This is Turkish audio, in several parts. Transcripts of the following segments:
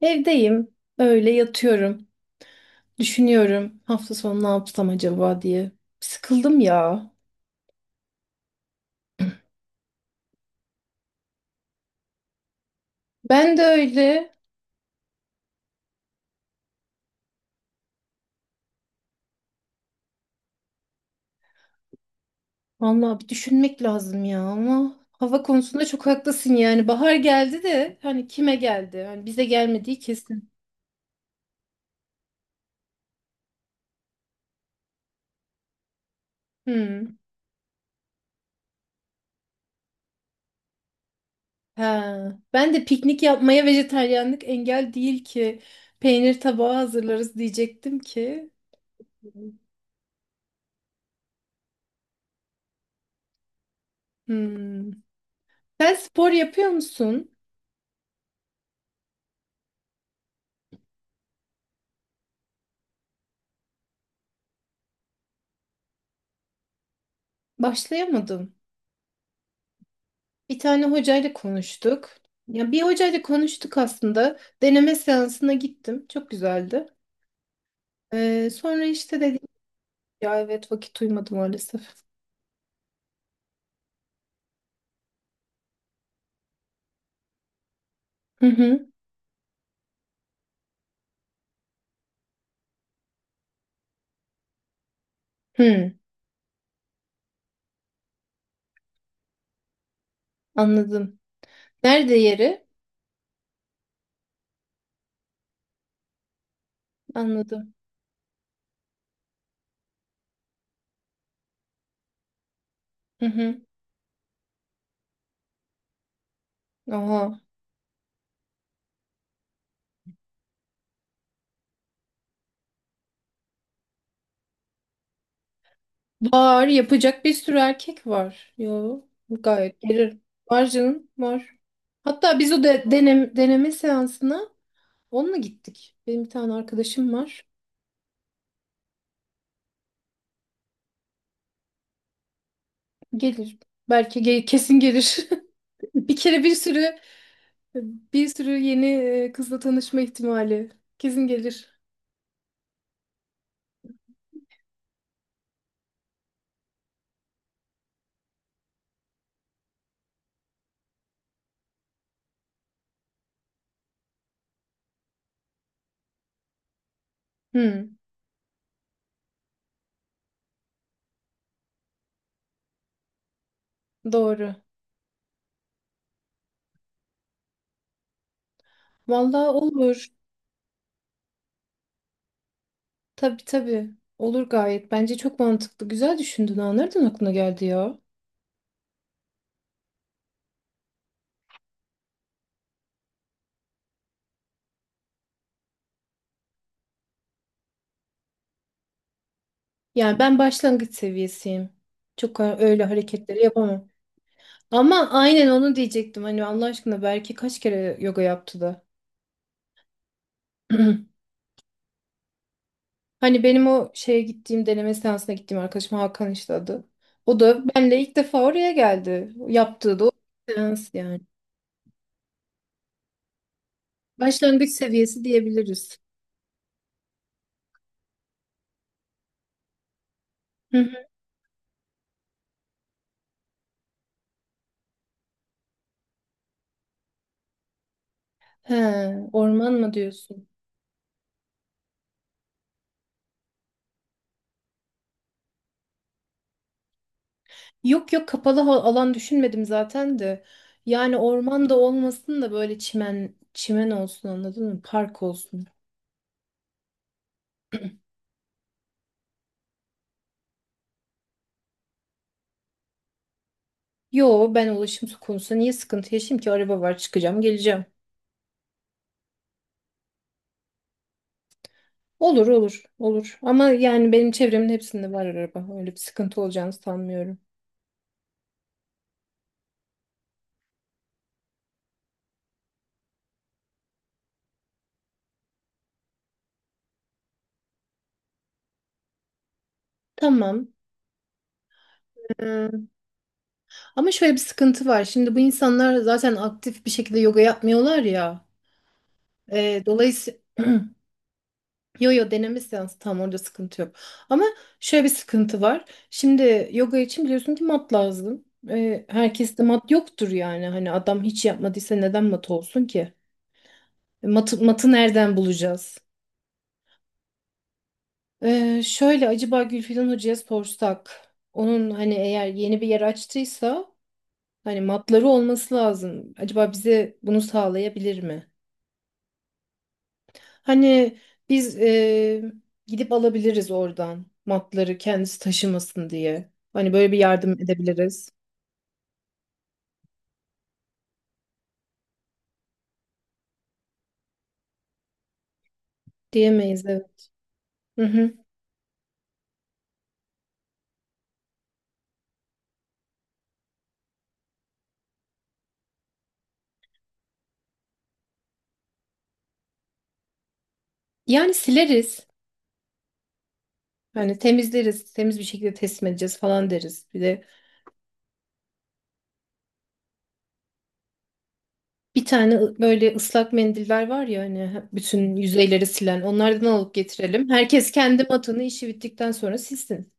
Evdeyim, öyle yatıyorum. Düşünüyorum hafta sonu ne yapsam acaba diye. Sıkıldım ya. Ben de öyle. Vallahi bir düşünmek lazım ya ama hava konusunda çok haklısın yani. Bahar geldi de hani kime geldi? Hani bize gelmediği kesin. Hmm. Ha. Ben de piknik yapmaya vejetaryenlik engel değil ki. Peynir tabağı hazırlarız diyecektim ki. Hmm. Sen spor yapıyor musun? Başlayamadın. Bir tane hocayla konuştuk. Ya bir hocayla konuştuk aslında. Deneme seansına gittim. Çok güzeldi. Sonra işte dedim ya, evet, vakit uymadı maalesef. Hı hı. Hı, anladım. Nerede yeri? Anladım. Hı hı. Oha. Var, yapacak bir sürü erkek var. Yo, gayet gelir. Var canım, var. Hatta biz o de, deneme seansına onunla gittik. Benim bir tane arkadaşım var. Gelir. Belki kesin gelir. Bir kere bir sürü bir sürü yeni kızla tanışma ihtimali, kesin gelir. Hı, doğru. Vallahi olur. Tabii tabii. Olur gayet. Bence çok mantıklı. Güzel düşündün. Ha. Nereden aklına geldi ya? Yani ben başlangıç seviyesiyim. Çok öyle hareketleri yapamam. Ama aynen onu diyecektim. Hani Allah aşkına belki kaç kere yoga yaptı da. Hani benim o şeye gittiğim, deneme seansına gittiğim arkadaşım Hakan işte adı. O da benle ilk defa oraya geldi. Yaptığı da o seans yani. Başlangıç seviyesi diyebiliriz. Hı hı. He, orman mı diyorsun? Yok yok, kapalı alan düşünmedim zaten de. Yani orman da olmasın da böyle çimen çimen olsun, anladın mı? Park olsun. Yo, ben ulaşım konusunda niye sıkıntı yaşayayım ki? Araba var, çıkacağım geleceğim. Olur olur olur. Ama yani benim çevremin hepsinde var araba. Öyle bir sıkıntı olacağını sanmıyorum. Tamam. Ee, Ama şöyle bir sıkıntı var. Şimdi bu insanlar zaten aktif bir şekilde yoga yapmıyorlar ya. Dolayısıyla, yo yo, deneme seansı tam orada sıkıntı yok. Ama şöyle bir sıkıntı var. Şimdi yoga için biliyorsun ki mat lazım. Herkeste mat yoktur yani. Hani adam hiç yapmadıysa neden mat olsun ki? Matı, matı nereden bulacağız? Şöyle, acaba Gülfidan Hoca'ya sorsak, onun hani eğer yeni bir yer açtıysa hani matları olması lazım. Acaba bize bunu sağlayabilir mi? Hani biz gidip alabiliriz oradan matları, kendisi taşımasın diye. Hani böyle bir yardım edebiliriz. Diyemeyiz, evet. Hı hı. Yani sileriz. Hani temizleriz. Temiz bir şekilde teslim edeceğiz falan deriz. Bir de bir tane böyle ıslak mendiller var ya hani bütün yüzeyleri silen, onlardan alıp getirelim. Herkes kendi matını işi bittikten sonra silsin.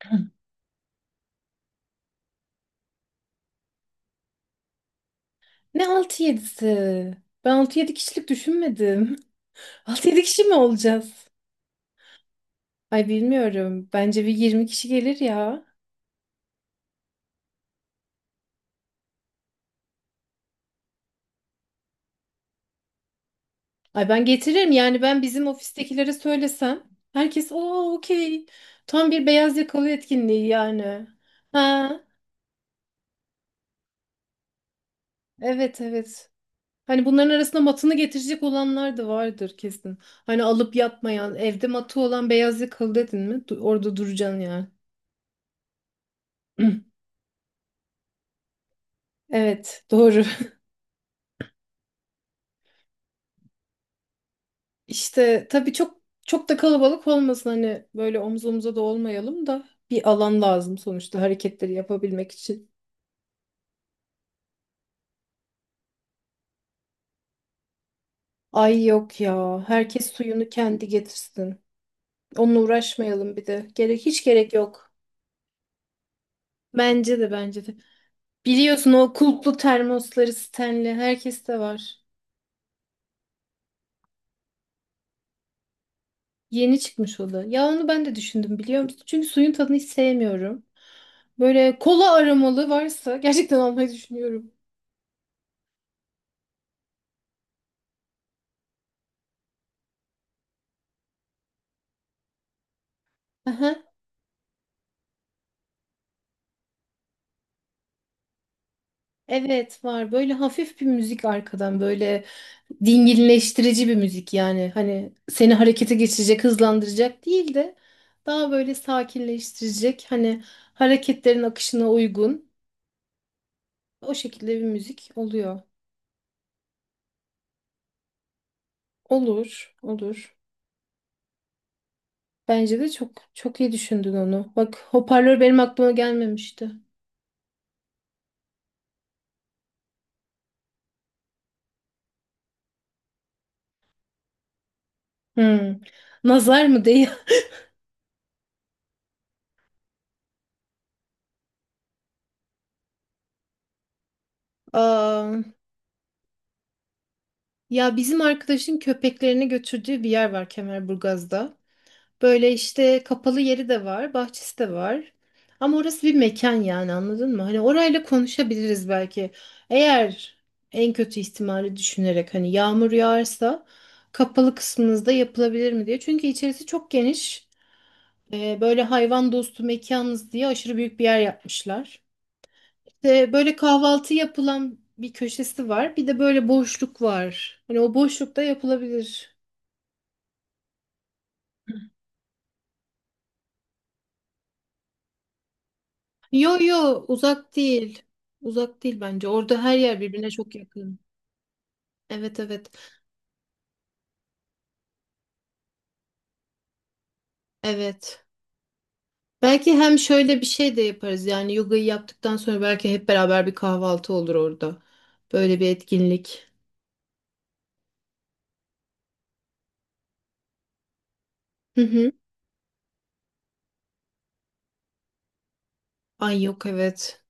Ne altı yedisi? Ben altı yedi kişilik düşünmedim. Altı yedi kişi mi olacağız? Ay, bilmiyorum. Bence bir 20 kişi gelir ya. Ay ben getiririm yani, ben bizim ofistekilere söylesem. Herkes o okey. Tam bir beyaz yakalı etkinliği yani. Ha, evet evet. Hani bunların arasında matını getirecek olanlar da vardır kesin. Hani alıp yatmayan, evde matı olan, beyaz yakalı dedin mi? Orada duracaksın yani. Evet, doğru. İşte tabii çok çok da kalabalık olmasın, hani böyle omuz omuza da olmayalım da, bir alan lazım sonuçta hareketleri yapabilmek için. Ay yok ya. Herkes suyunu kendi getirsin. Onunla uğraşmayalım bir de. Gerek, hiç gerek yok. Bence de, bence de. Biliyorsun o kulplu termosları, Stanley, herkeste var. Yeni çıkmış o da. Ya onu ben de düşündüm, biliyor musun? Çünkü suyun tadını hiç sevmiyorum. Böyle kola aromalı varsa gerçekten almayı düşünüyorum. Aha, evet var. Böyle hafif bir müzik arkadan, böyle dinginleştirici bir müzik yani. Hani seni harekete geçirecek, hızlandıracak değil de daha böyle sakinleştirecek. Hani hareketlerin akışına uygun. O şekilde bir müzik oluyor. Olur, olur. Bence de çok çok iyi düşündün onu. Bak, hoparlör benim aklıma gelmemişti. Hmm. Nazar mı değil? Aa, ya bizim arkadaşın köpeklerini götürdüğü bir yer var Kemerburgaz'da. Böyle işte kapalı yeri de var, bahçesi de var. Ama orası bir mekan yani, anladın mı? Hani orayla konuşabiliriz belki. Eğer en kötü ihtimali düşünerek, hani yağmur yağarsa kapalı kısmınızda yapılabilir mi diye. Çünkü içerisi çok geniş. Böyle hayvan dostu mekanız diye aşırı büyük bir yer yapmışlar. Böyle kahvaltı yapılan bir köşesi var. Bir de böyle boşluk var. Hani o boşlukta yapılabilir. Yo yo, uzak değil. Uzak değil bence. Orada her yer birbirine çok yakın. Evet evet. Evet. Belki hem şöyle bir şey de yaparız. Yani yogayı yaptıktan sonra belki hep beraber bir kahvaltı olur orada. Böyle bir etkinlik. Hı hı. Ay, yok, evet.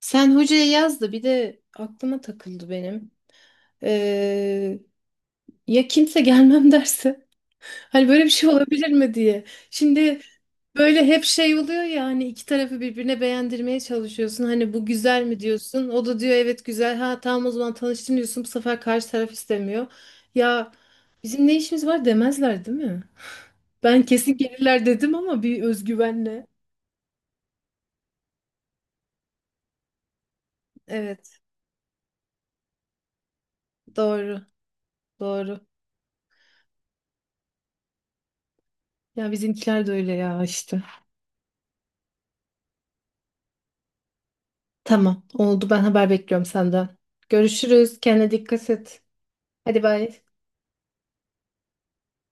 Sen hocaya yaz da, bir de aklıma takıldı benim. Ee, Ya kimse gelmem derse? Hani böyle bir şey olabilir mi diye. Şimdi böyle hep şey oluyor ya, hani iki tarafı birbirine beğendirmeye çalışıyorsun. Hani bu güzel mi diyorsun. O da diyor evet güzel. Ha tamam, o zaman tanıştın diyorsun. Bu sefer karşı taraf istemiyor. Ya bizim ne işimiz var demezler değil mi? Ben kesin gelirler dedim ama bir özgüvenle. Evet, doğru doğru. Ya bizimkiler de öyle ya işte. Tamam oldu, ben haber bekliyorum senden. Görüşürüz, kendine dikkat et. Hadi bay.